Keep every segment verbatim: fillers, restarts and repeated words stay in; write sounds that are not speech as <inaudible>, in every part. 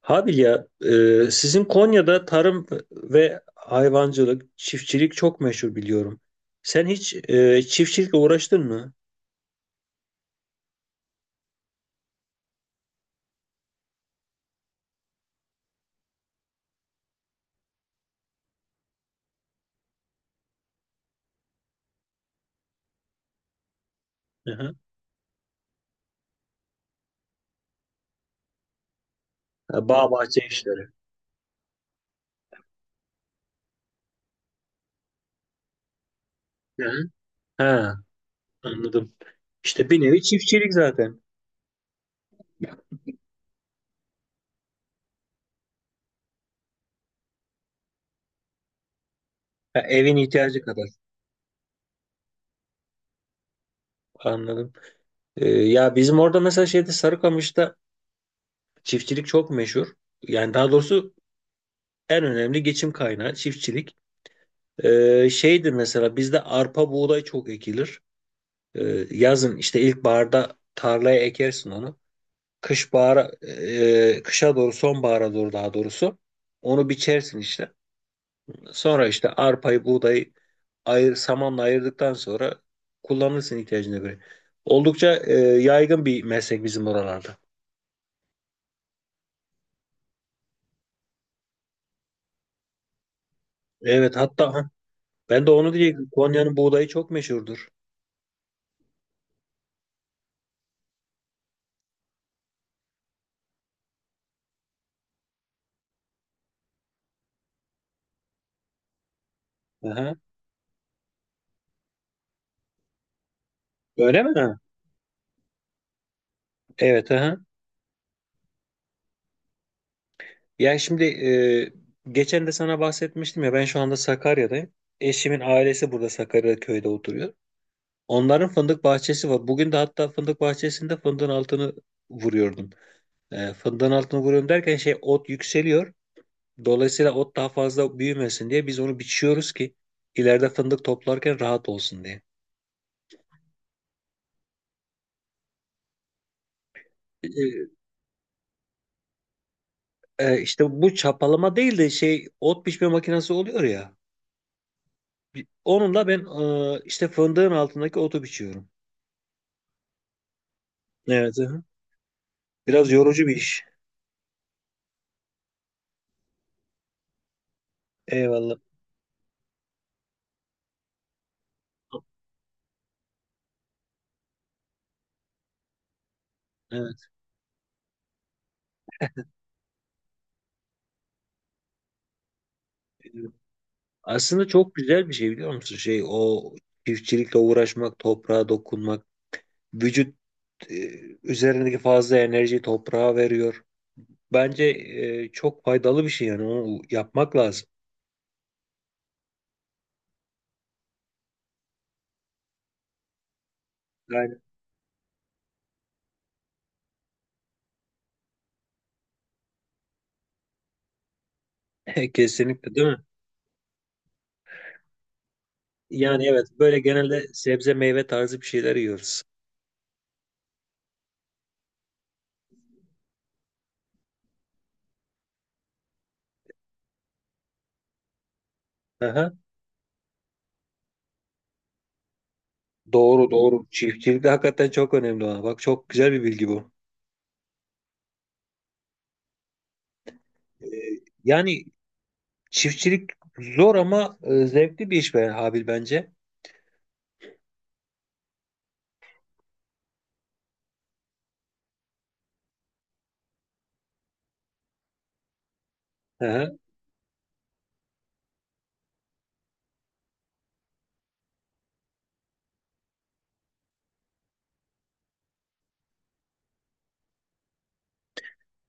Habil ya, e, sizin Konya'da tarım ve hayvancılık, çiftçilik çok meşhur biliyorum. Sen hiç e, çiftçilikle uğraştın mı? Hı-hı. Ha, bağ bahçe işleri. Hı-hı. Ha, anladım. İşte bir nevi çiftçilik zaten. Ha, evin ihtiyacı kadar. Anladım. E, ya bizim orada mesela şeyde Sarıkamış'ta çiftçilik çok meşhur. Yani daha doğrusu en önemli geçim kaynağı çiftçilik. E, şeydir mesela bizde arpa buğday çok ekilir. Ee, yazın işte ilkbaharda tarlaya ekersin onu. Kış bahara, e, kışa doğru sonbahara doğru daha doğrusu onu biçersin işte. Sonra işte arpayı, buğdayı ayır, samanla ayırdıktan sonra kullanırsın ihtiyacına göre. Oldukça e, yaygın bir meslek bizim oralarda. Evet, hatta ha, ben de onu diyecektim. Konya'nın buğdayı çok meşhurdur. Aha. Öyle mi? Ha. Evet. Aha. Yani şimdi e, geçen de sana bahsetmiştim ya, ben şu anda Sakarya'dayım. Eşimin ailesi burada Sakarya köyde oturuyor. Onların fındık bahçesi var. Bugün de hatta fındık bahçesinde fındığın altını vuruyordum. E, fındığın altını vuruyorum derken şey, ot yükseliyor. Dolayısıyla ot daha fazla büyümesin diye biz onu biçiyoruz ki ileride fındık toplarken rahat olsun diye. E, e, işte bu çapalama değil de şey, ot biçme makinesi oluyor ya. Onunla ben e, işte fındığın altındaki otu biçiyorum. Evet. Biraz yorucu bir iş. Eyvallah. Evet. Aslında çok güzel bir şey biliyor musun? Şey, o çiftçilikle uğraşmak, toprağa dokunmak, vücut e, üzerindeki fazla enerjiyi toprağa veriyor. Bence e, çok faydalı bir şey, yani onu yapmak lazım. Yani <laughs> kesinlikle değil mi? Yani evet, böyle genelde sebze meyve tarzı bir şeyler yiyoruz. Aha. Doğru doğru. Çiftçilik de hakikaten çok önemli olan. Bak, çok güzel bir bilgi bu. E, Yani çiftçilik zor ama e, zevkli bir iş be Habil, bence. Hı hı.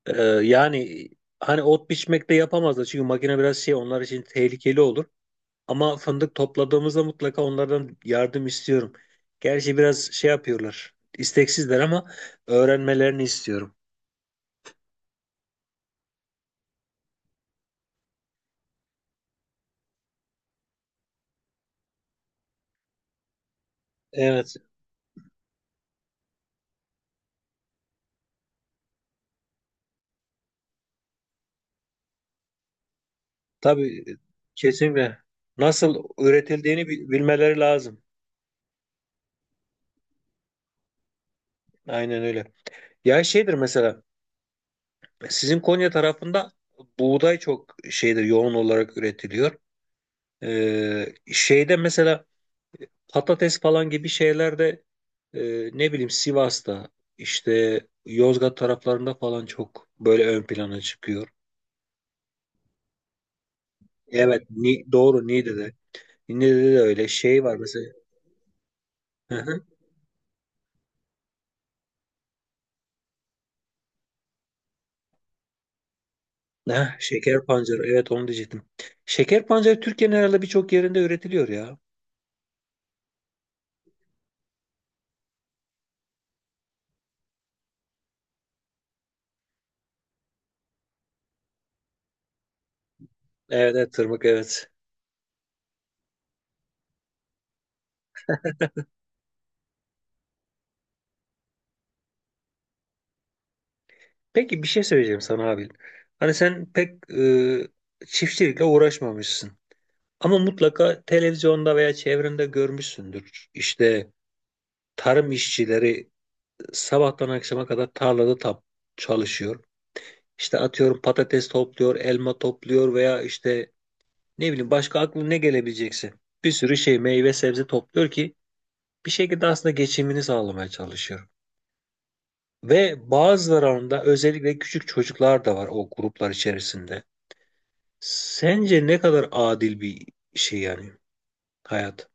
E, yani hani ot biçmekte yapamazlar çünkü makine biraz şey, onlar için tehlikeli olur. Ama fındık topladığımızda mutlaka onlardan yardım istiyorum. Gerçi biraz şey yapıyorlar, isteksizler ama öğrenmelerini istiyorum. Evet, tabii, kesinlikle. Nasıl üretildiğini bi- bilmeleri lazım. Aynen öyle. Ya şeydir mesela, sizin Konya tarafında buğday çok şeydir, yoğun olarak üretiliyor. Ee, şeyde mesela patates falan gibi şeylerde e, ne bileyim Sivas'ta, işte Yozgat taraflarında falan çok böyle ön plana çıkıyor. Evet ni, doğru, Niğde'de. Niğde'de de öyle şey var mesela. Hı hı. Heh, şeker pancarı, evet, onu diyecektim. Şeker pancarı Türkiye'nin herhalde birçok yerinde üretiliyor ya. Evet, evet, tırmık, evet. Peki bir şey söyleyeceğim sana abi. Hani sen pek e, çiftçilikle uğraşmamışsın. Ama mutlaka televizyonda veya çevrende görmüşsündür. İşte tarım işçileri sabahtan akşama kadar tarlada tap çalışıyor. İşte atıyorum, patates topluyor, elma topluyor veya işte ne bileyim, başka aklına ne gelebilecekse bir sürü şey, meyve sebze topluyor ki bir şekilde aslında geçimini sağlamaya çalışıyor. Ve bazılarında özellikle küçük çocuklar da var o gruplar içerisinde. Sence ne kadar adil bir şey, yani hayat?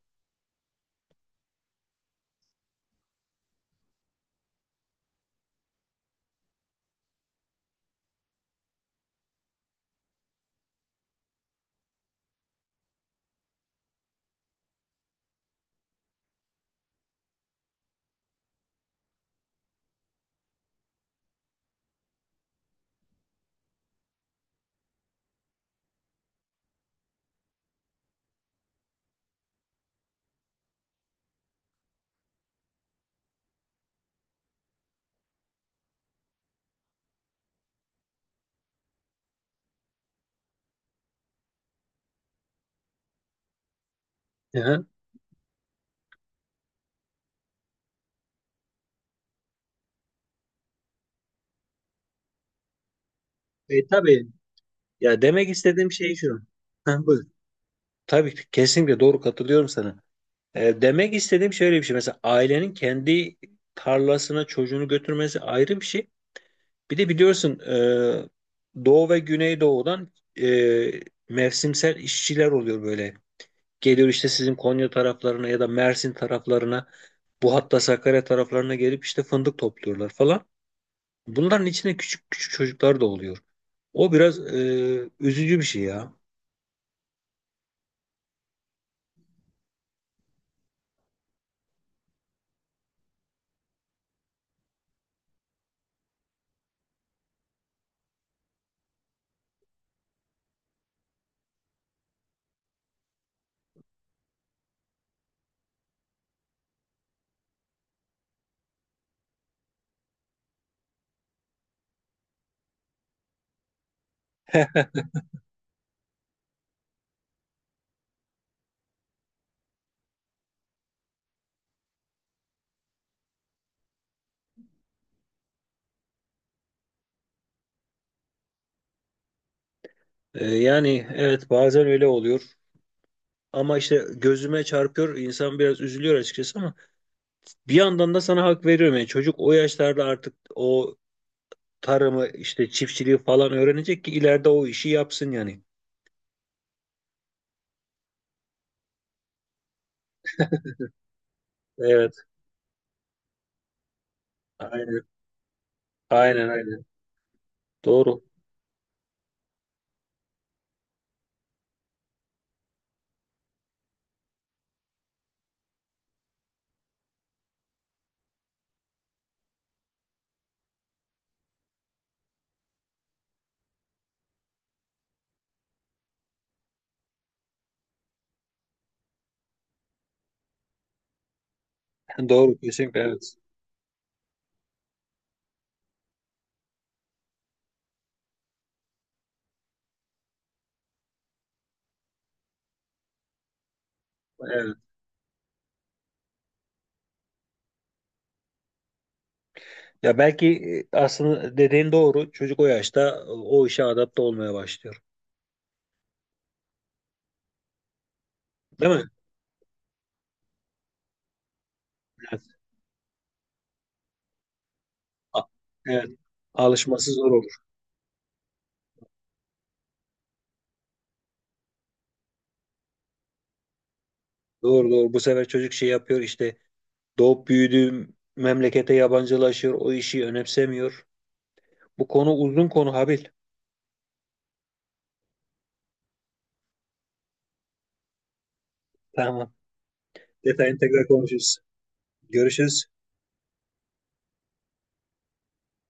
Hı hı. E tabii. Ya demek istediğim şey şu. Ha, buyur. Tabii ki, kesinlikle doğru, katılıyorum sana. E, demek istediğim şöyle bir şey. Mesela ailenin kendi tarlasına çocuğunu götürmesi ayrı bir şey. Bir de biliyorsun e, Doğu ve Güneydoğu'dan e, mevsimsel işçiler oluyor böyle. Geliyor işte sizin Konya taraflarına ya da Mersin taraflarına, bu hatta Sakarya taraflarına gelip işte fındık topluyorlar falan. Bunların içinde küçük küçük çocuklar da oluyor. O biraz e, üzücü bir şey ya. Ee, yani evet, bazen öyle oluyor. Ama işte gözüme çarpıyor, insan biraz üzülüyor açıkçası ama bir yandan da sana hak veriyorum. Yani çocuk o yaşlarda artık o tarımı, işte çiftçiliği falan öğrenecek ki ileride o işi yapsın yani. Evet. Aynen. Aynen aynen. Doğru. <laughs> Doğru, kesinlikle, evet. Evet. Ya belki e, aslında dediğin doğru. Çocuk o yaşta e, o işe adapte olmaya başlıyor. Değil mi? Evet. A- Evet. Alışması zor olur. Doğru doğru. Bu sefer çocuk şey yapıyor işte, doğup büyüdüğüm memlekete yabancılaşıyor, o işi önemsemiyor. Bu konu uzun konu Habil. Tamam. Detayını tekrar konuşuruz. Görüşürüz.